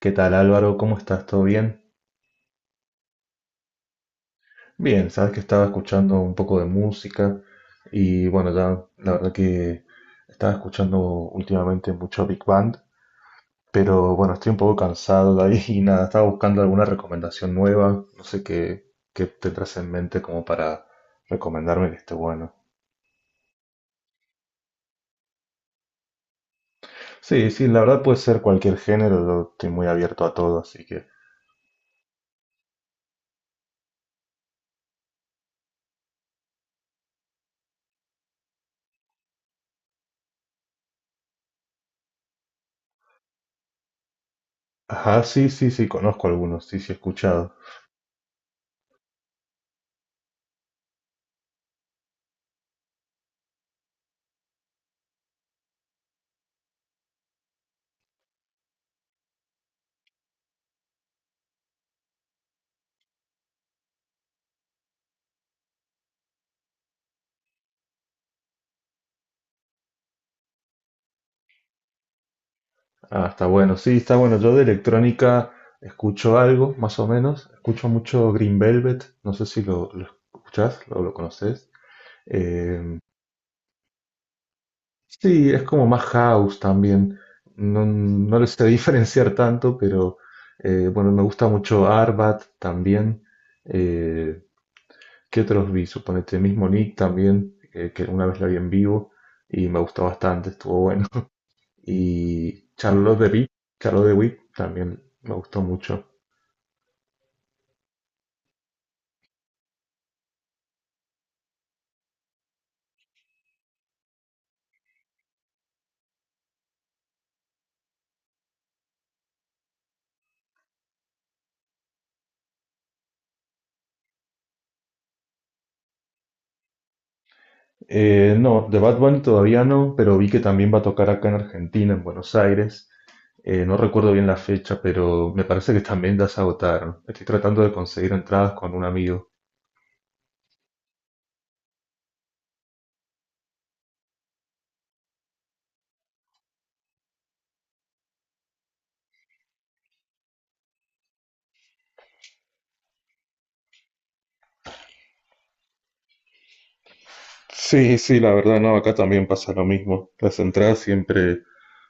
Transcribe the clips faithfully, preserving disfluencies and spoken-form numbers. ¿Qué tal Álvaro? ¿Cómo estás? ¿Todo bien? Bien, sabes que estaba escuchando un poco de música y bueno, ya la verdad que estaba escuchando últimamente mucho Big Band, pero bueno, estoy un poco cansado de ahí y nada, estaba buscando alguna recomendación nueva, no sé qué, qué tendrás en mente como para recomendarme que esté bueno. Sí, sí, la verdad puede ser cualquier género, yo estoy muy abierto a todo, así que... Ajá, sí, sí, sí, conozco algunos, sí, sí, he escuchado. Ah, está bueno. Sí, está bueno. Yo de electrónica escucho algo, más o menos. Escucho mucho Green Velvet. No sé si lo, lo escuchás o lo conoces. Eh, sí, es como más house también. No, no lo sé diferenciar tanto, pero eh, bueno, me gusta mucho Arbat también. Eh, ¿qué otros vi? Suponete mismo Nick también, eh, que una vez la vi en vivo y me gustó bastante, estuvo bueno. Y Charlotte de Witt, Charlotte de Witt también me gustó mucho. Eh, no, de Bad Bunny todavía no, pero vi que también va a tocar acá en Argentina, en Buenos Aires. Eh, no recuerdo bien la fecha, pero me parece que también ya se agotaron. Estoy tratando de conseguir entradas con un amigo. Sí, sí, la verdad, no, acá también pasa lo mismo. Las entradas siempre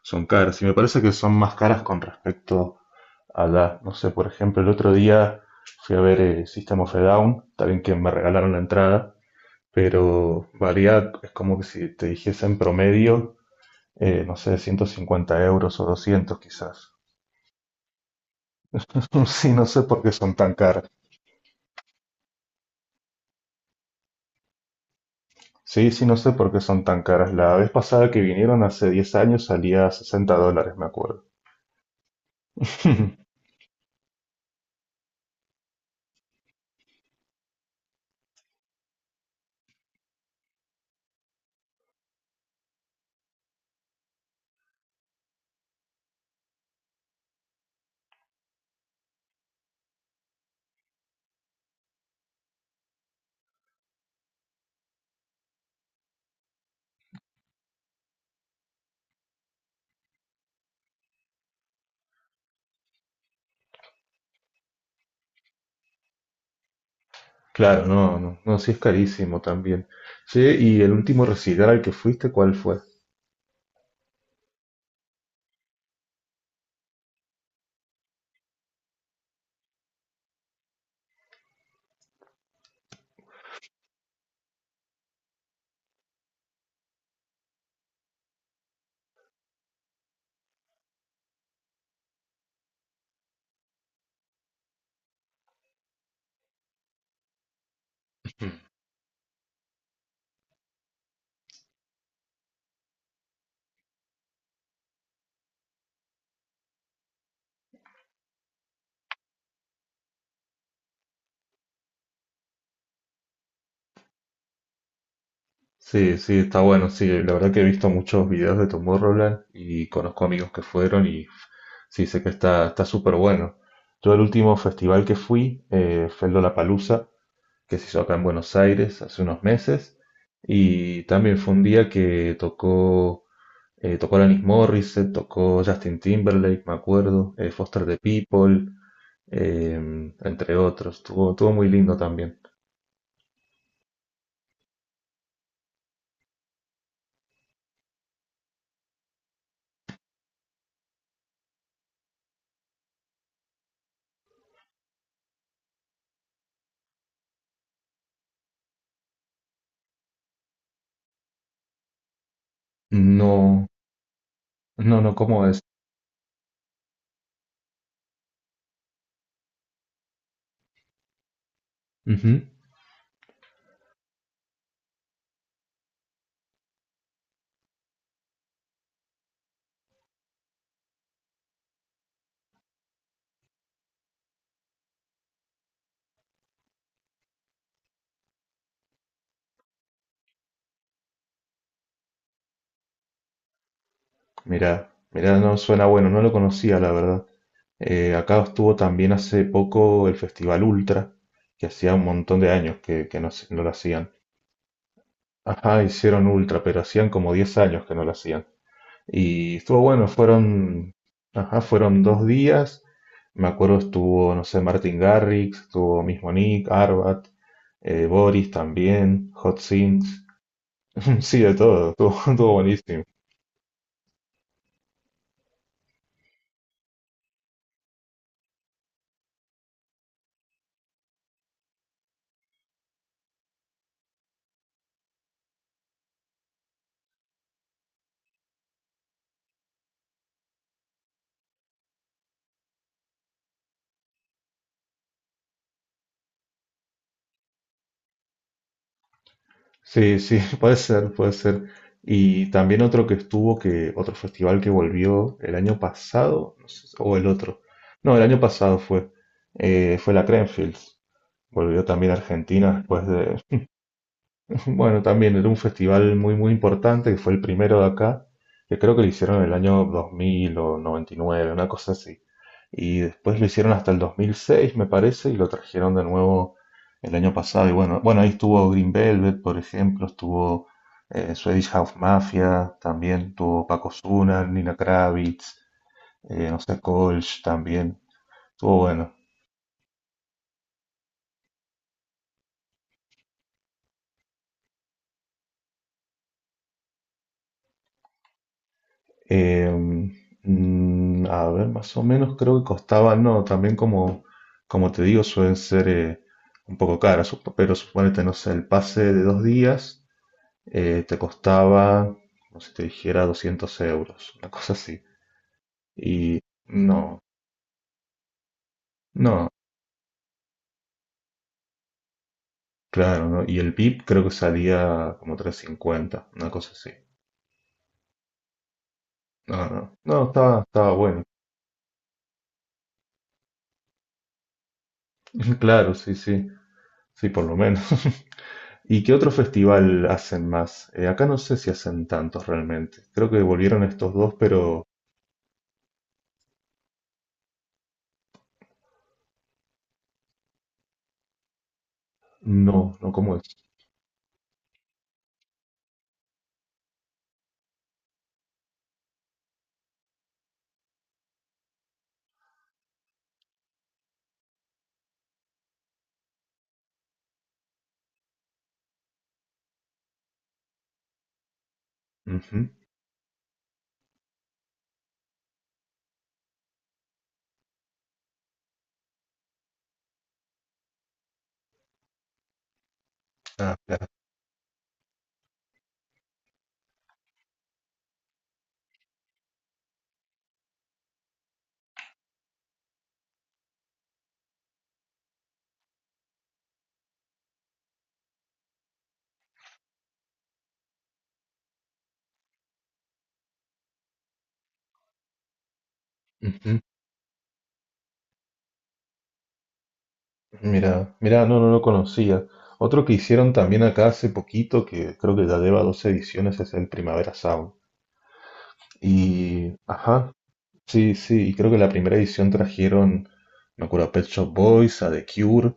son caras y me parece que son más caras con respecto a la, no sé, por ejemplo, el otro día fui a ver eh, System of a Down, también que me regalaron la entrada, pero varía, es como que si te dijese en promedio eh, no sé, ciento cincuenta euros o doscientos quizás. Sí, no sé por qué son tan caras. Sí, sí, no sé por qué son tan caras. La vez pasada que vinieron hace diez años salía a sesenta dólares, me acuerdo. Claro, no, no, no, sí es carísimo también. Sí, ¿y el último recital al que fuiste, cuál fue? Sí, sí, está bueno, sí, la verdad que he visto muchos videos de Tomorrowland y conozco amigos que fueron y sí, sé que está está súper bueno. Yo el último festival que fui eh, fue el que se hizo acá en Buenos Aires hace unos meses. Y también fue un día que tocó, eh, tocó Alanis Morissette, tocó Justin Timberlake, me acuerdo, eh, Foster the People, eh, entre otros. Estuvo, estuvo muy lindo también. No, no, no, ¿cómo es? Ujú. Mirá, mirá, no, suena bueno, no lo conocía, la verdad. Eh, acá estuvo también hace poco el Festival Ultra, que hacía un montón de años que, que no, se- no lo hacían. Ajá, hicieron Ultra, pero hacían como diez años que no lo hacían. Y estuvo bueno, fueron, ajá, fueron dos días. Me acuerdo estuvo, no sé, Martin Garrix, estuvo mismo Nick, Arbat, eh, Boris también, Hot Sims, sí, de todo, estuvo, estuvo buenísimo. Sí, sí, puede ser, puede ser. Y también otro que estuvo, que otro festival que volvió el año pasado, no sé, o el otro. No, el año pasado fue, eh, fue la Creamfields. Volvió también a Argentina después de, bueno, también era un festival muy, muy importante, que fue el primero de acá, que creo que lo hicieron en el año dos mil o noventa y nueve, una cosa así. Y después lo hicieron hasta el dos mil seis, me parece, y lo trajeron de nuevo el año pasado. Y bueno, bueno, ahí estuvo Green Velvet, por ejemplo, estuvo eh, Swedish House Mafia, también estuvo Paco Zuna, Nina Kravitz, eh, no sé, Kolsch también. Estuvo bueno. Eh, mm, a ver, más o menos creo que costaba, no, también como, como te digo, suelen ser eh, un poco caras, sup- pero suponete, no sé, el pase de dos días eh, te costaba, como si te dijera, doscientos euros, una cosa así. Y no, no, claro, no. Y el V I P creo que salía como trescientos cincuenta, una cosa así. No, no, no, estaba, estaba bueno. Claro, sí, sí, sí, por lo menos. ¿Y qué otro festival hacen más? Eh, acá no sé si hacen tantos realmente. Creo que volvieron estos dos, pero no, no, como es? Ujú. Ah, claro. Ujú. Mira, mira, no, no lo conocía. Otro que hicieron también acá hace poquito, que creo que ya lleva dos ediciones, es el Primavera Sound. Y, ajá, sí, sí, y creo que la primera edición trajeron, me acuerdo, a Pet Shop Boys, a The Cure,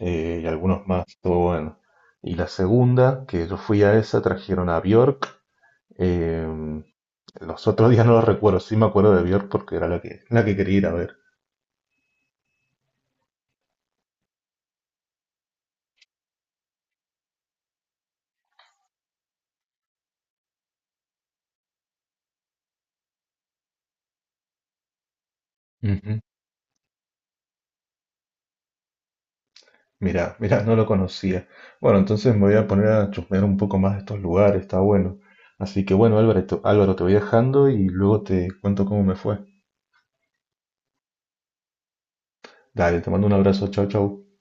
eh, y algunos más, todo bueno. Y la segunda, que yo fui a esa, trajeron a Björk. eh, los otros días no los recuerdo, sí me acuerdo de Björk porque era la que, la que quería ir a ver. Mirá, mirá, no lo conocía. Bueno, entonces me voy a poner a chusmear un poco más de estos lugares, está bueno. Así que bueno, Álvaro, Álvaro, te voy dejando y luego te cuento cómo me fue. Dale, te mando un abrazo, chau, chau.